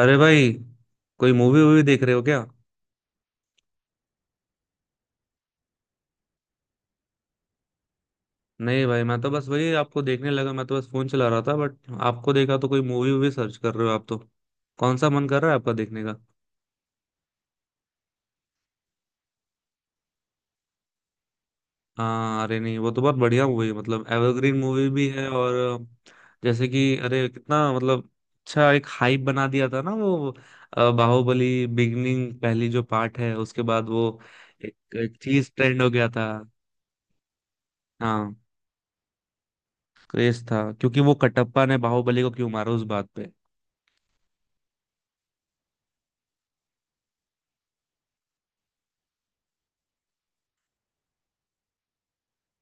अरे भाई, कोई मूवी वूवी देख रहे हो क्या। नहीं भाई, मैं तो बस वही आपको देखने लगा, मैं तो बस फोन चला रहा था बट आपको देखा तो कोई मूवी वूवी सर्च कर रहे हो आप तो। कौन सा मन कर रहा है आपका देखने का। हाँ अरे नहीं, वो तो बहुत बढ़िया मूवी है, मतलब एवरग्रीन मूवी भी है। और अ, जैसे कि अरे कितना, मतलब अच्छा एक हाइप बना दिया था ना वो बाहुबली बिगनिंग पहली जो पार्ट है उसके बाद वो एक चीज ट्रेंड हो गया था। हाँ। क्रेज था क्योंकि वो कटप्पा ने बाहुबली को क्यों मारा, उस बात पे।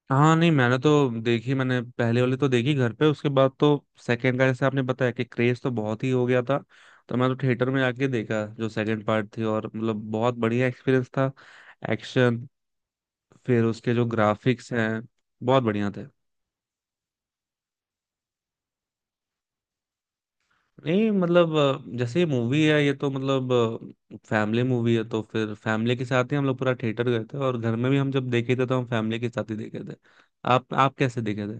हाँ नहीं, मैंने तो देखी, मैंने पहले वाली तो देखी घर पे, उसके बाद तो सेकंड का जैसे आपने बताया कि क्रेज तो बहुत ही हो गया था, तो मैं तो थिएटर में जाके देखा जो सेकंड पार्ट थी। और मतलब बहुत बढ़िया एक्सपीरियंस था। एक्शन, फिर उसके जो ग्राफिक्स हैं बहुत बढ़िया थे। नहीं मतलब जैसे ये मूवी है ये तो मतलब फैमिली मूवी है तो फिर फैमिली के साथ ही हम लोग पूरा थिएटर गए थे, और घर में भी हम जब देखे थे तो हम फैमिली के साथ ही देखे थे। आप कैसे देखे थे।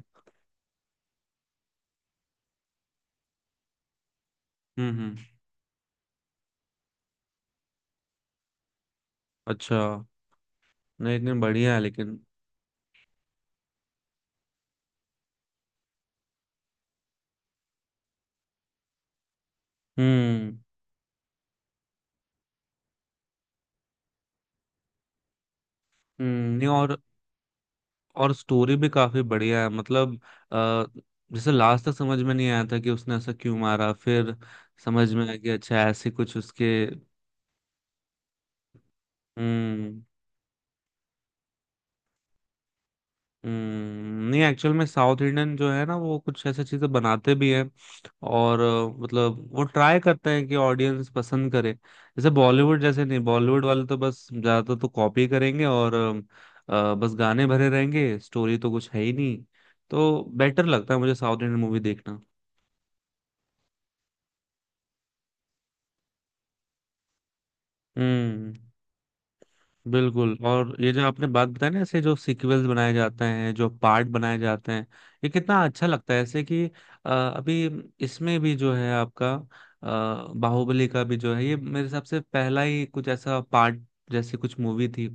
हम्म। अच्छा। नहीं इतने बढ़िया है लेकिन। हम्म। नहीं। और स्टोरी भी काफी बढ़िया है, मतलब आ, जैसे लास्ट तक समझ में नहीं आया था कि उसने ऐसा क्यों मारा, फिर समझ में आया कि अच्छा ऐसे कुछ उसके। हम्म। नहीं एक्चुअल में साउथ इंडियन जो है ना वो कुछ ऐसे चीजें बनाते भी हैं और मतलब वो ट्राई करते हैं कि ऑडियंस पसंद करे। जैसे बॉलीवुड जैसे नहीं, बॉलीवुड वाले तो बस ज्यादातर तो कॉपी करेंगे और बस गाने भरे रहेंगे, स्टोरी तो कुछ है ही नहीं। तो बेटर लगता है मुझे साउथ इंडियन मूवी देखना। हम्म। बिल्कुल। और ये जो आपने बात बताई ना, ऐसे जो सीक्वल्स बनाए जाते हैं, जो पार्ट बनाए जाते हैं, ये कितना अच्छा लगता है, ऐसे कि अभी इसमें भी जो है आपका बाहुबली का भी जो है, ये मेरे हिसाब से पहला ही कुछ ऐसा पार्ट जैसी कुछ मूवी थी।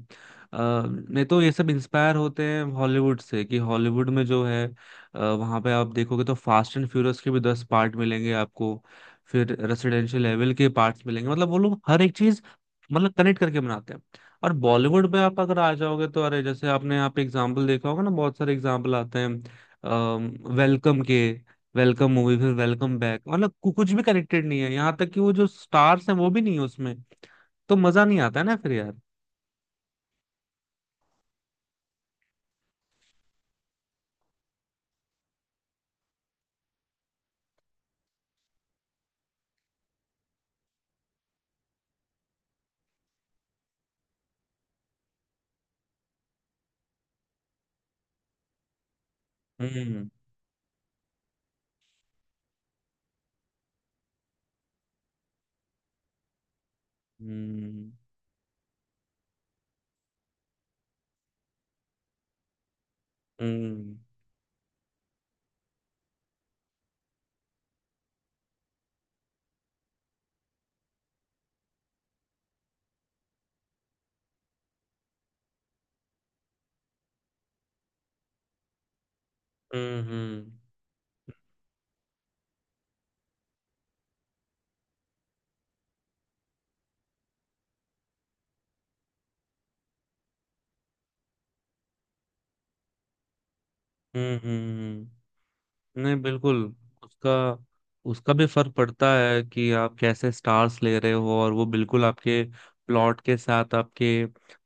नहीं तो ये सब इंस्पायर होते हैं हॉलीवुड से, कि हॉलीवुड में जो है वहाँ पे आप देखोगे तो फास्ट एंड फ्यूरियस के भी 10 पार्ट मिलेंगे आपको। फिर रेसिडेंशियल लेवल के पार्ट्स मिलेंगे, मतलब वो लोग हर एक चीज मतलब कनेक्ट करके बनाते हैं। और बॉलीवुड में आप अगर आ जाओगे तो अरे जैसे आपने यहाँ पे एग्जाम्पल देखा होगा ना, बहुत सारे एग्जाम्पल आते हैं वेलकम के। वेलकम मूवी, फिर वेलकम बैक, मतलब कुछ भी कनेक्टेड नहीं है, यहाँ तक कि वो जो स्टार्स हैं वो भी नहीं है उसमें। तो मजा नहीं आता है ना फिर यार। हम्म हम्म हम्म। हम्म हम्म हम्म, हम्म, नहीं बिल्कुल। उसका उसका भी फर्क पड़ता है कि आप कैसे स्टार्स ले रहे हो, और वो बिल्कुल आपके प्लॉट के साथ, आपके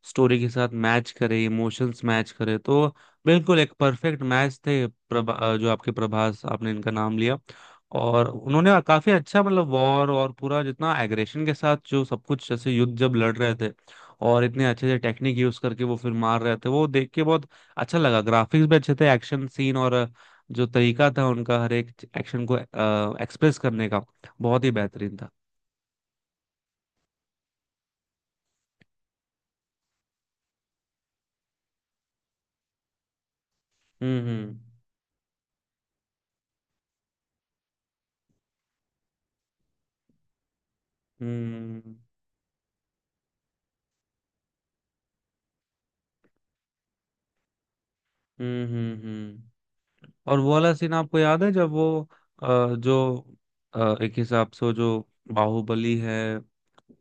स्टोरी के साथ मैच करे, इमोशंस मैच करे तो बिल्कुल एक परफेक्ट मैच थे। प्रभा जो आपके प्रभास, आपने इनका नाम लिया, और उन्होंने काफी अच्छा, मतलब वॉर और पूरा जितना एग्रेशन के साथ, जो सब कुछ जैसे युद्ध जब लड़ रहे थे और इतने अच्छे से टेक्निक यूज करके वो फिर मार रहे थे, वो देख के बहुत अच्छा लगा। ग्राफिक्स भी अच्छे थे, एक्शन सीन, और जो तरीका था उनका हर एक एक्शन को एक्सप्रेस करने का, बहुत ही बेहतरीन था। हम्म हम्म हम्म हम्म हम्म हम्म। और वो वाला सीन आपको याद है जब वो जो एक हिसाब से वो जो बाहुबली है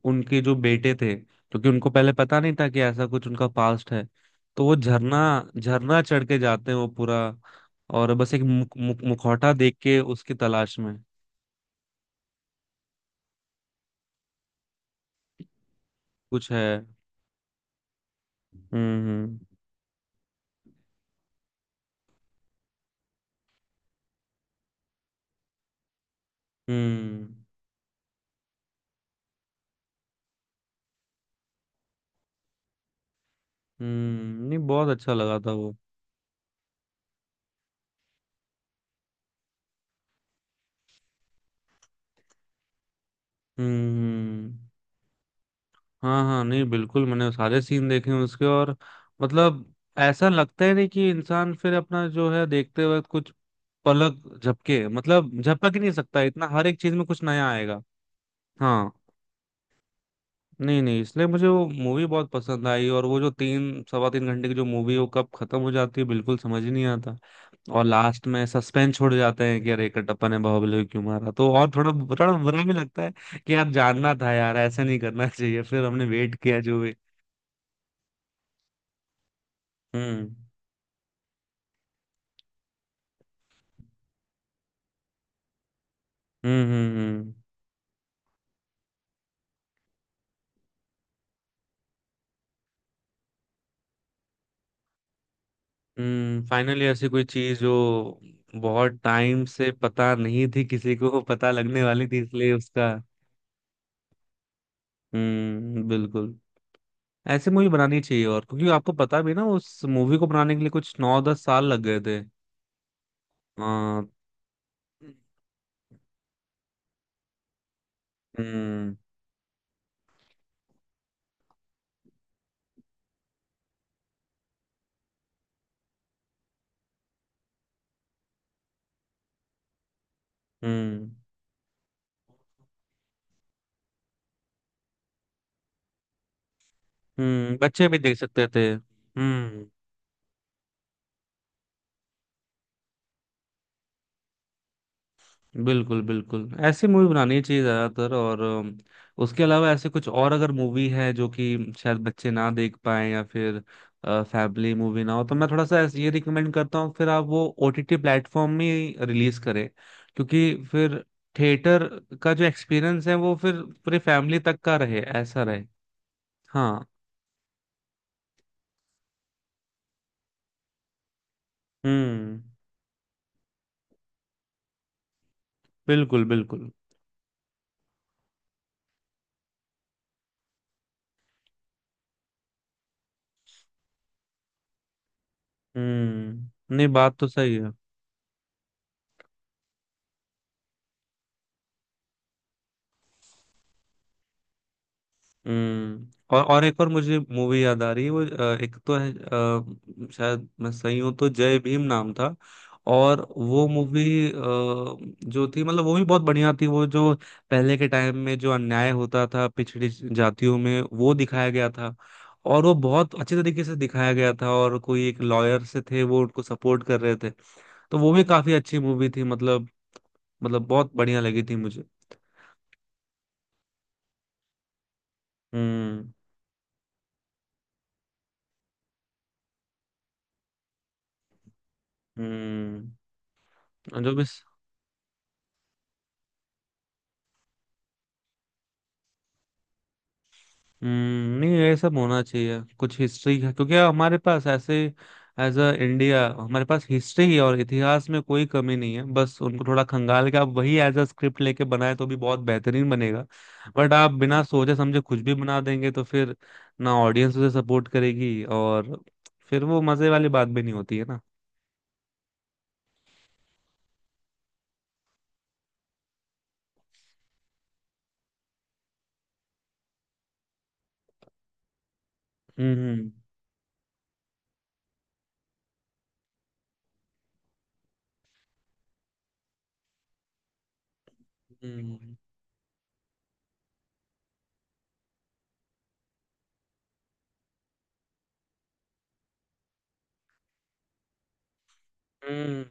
उनके जो बेटे थे, क्योंकि उनको पहले पता नहीं था कि ऐसा कुछ उनका पास्ट है, तो वो झरना झरना चढ़ के जाते हैं वो पूरा। और बस एक मुख, मुख, मुखौटा देख के उसकी तलाश में कुछ है। हम्म हम्म हम्म। नहीं बहुत अच्छा लगा था वो। हम्म। हाँ हाँ नहीं बिल्कुल मैंने सारे सीन देखे हैं उसके। और मतलब ऐसा लगता ही नहीं कि इंसान फिर अपना जो है देखते वक्त कुछ पलक झपके, मतलब झपक ही नहीं सकता, इतना हर एक चीज में कुछ नया आएगा। हाँ। नहीं नहीं, इसलिए मुझे वो मूवी बहुत पसंद आई, और वो जो तीन सवा तीन घंटे की जो मूवी है वो कब खत्म हो जाती है बिल्कुल समझ ही नहीं आता। और लास्ट में सस्पेंस छोड़ जाते हैं कि अरे कटप्पा ने बाहुबली को क्यों मारा, तो और थोड़ा बुरा बुरा भी लगता है कि यार जानना था, यार ऐसा नहीं करना चाहिए। फिर हमने वेट किया जो भी। हम्म हम्म हम्म हम्म फाइनली ऐसी कोई चीज जो बहुत टाइम से पता नहीं थी किसी को पता लगने वाली थी, इसलिए उसका। बिल्कुल। ऐसे मूवी बनानी चाहिए, और क्योंकि आपको पता भी है ना उस मूवी को बनाने के लिए कुछ 9-10 साल लग गए थे। हाँ। हम्म। हम्म बच्चे भी देख सकते थे। बिल्कुल बिल्कुल, ऐसी मूवी बनानी चाहिए ज्यादातर। और उसके अलावा ऐसे कुछ और अगर मूवी है जो कि शायद बच्चे ना देख पाए या फिर फैमिली मूवी ना हो, तो मैं थोड़ा सा ऐसे ये रिकमेंड करता हूँ फिर आप वो ओटीटी प्लेटफॉर्म में रिलीज करें। क्योंकि फिर थिएटर का जो एक्सपीरियंस है वो फिर पूरी फैमिली तक का रहे, ऐसा रहे। हाँ। हम्म बिल्कुल बिल्कुल। नहीं बात तो सही है। हम्म। और एक और मुझे मूवी याद आ रही है वो एक तो है शायद मैं सही हूं तो जय भीम नाम था। और वो मूवी जो थी मतलब वो भी बहुत बढ़िया थी। वो जो पहले के टाइम में जो अन्याय होता था पिछड़ी जातियों में वो दिखाया गया था, और वो बहुत अच्छे तरीके से दिखाया गया था, और कोई एक लॉयर से थे वो उनको सपोर्ट कर रहे थे, तो वो भी काफी अच्छी मूवी थी। मतलब बहुत बढ़िया लगी थी मुझे। हम्म हम्म। और जो भी नहीं ये सब होना चाहिए कुछ हिस्ट्री का, क्योंकि हमारे पास ऐसे एज अ इंडिया हमारे पास हिस्ट्री और इतिहास में कोई कमी नहीं है, बस उनको थोड़ा खंगाल के आप वही एज अ स्क्रिप्ट लेके बनाए तो भी बहुत बेहतरीन बनेगा। बट आप बिना सोचे समझे कुछ भी बना देंगे तो फिर ना ऑडियंस उसे सपोर्ट करेगी, और फिर वो मजे वाली बात भी नहीं होती है ना। हम्म हम्म हम्म।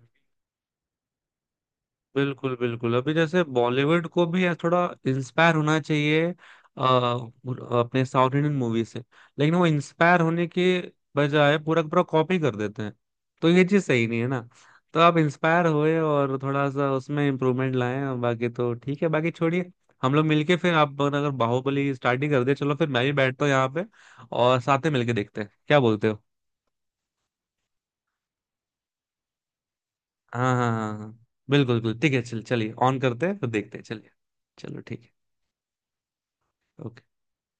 बिल्कुल बिल्कुल अभी जैसे बॉलीवुड को भी यार थोड़ा इंस्पायर होना चाहिए अपने साउथ इंडियन मूवी से। लेकिन वो इंस्पायर होने के बजाय पूरा का पूरा कॉपी कर देते हैं, तो ये चीज सही नहीं है ना। तो आप इंस्पायर होए और थोड़ा सा उसमें इम्प्रूवमेंट लाएं, और बाकी तो ठीक है, बाकी छोड़िए। हम लोग मिलके फिर आप अगर बाहुबली स्टार्ट ही कर दे, चलो फिर मैं भी बैठता हूँ यहाँ पे, और साथ में मिलके देखते हैं, क्या बोलते हो। हाँ हाँ हाँ हाँ, बिल्कुल बिल्कुल ठीक है, चल चलिए ऑन करते हैं फिर देखते हैं, चलिए। चलो ठीक है।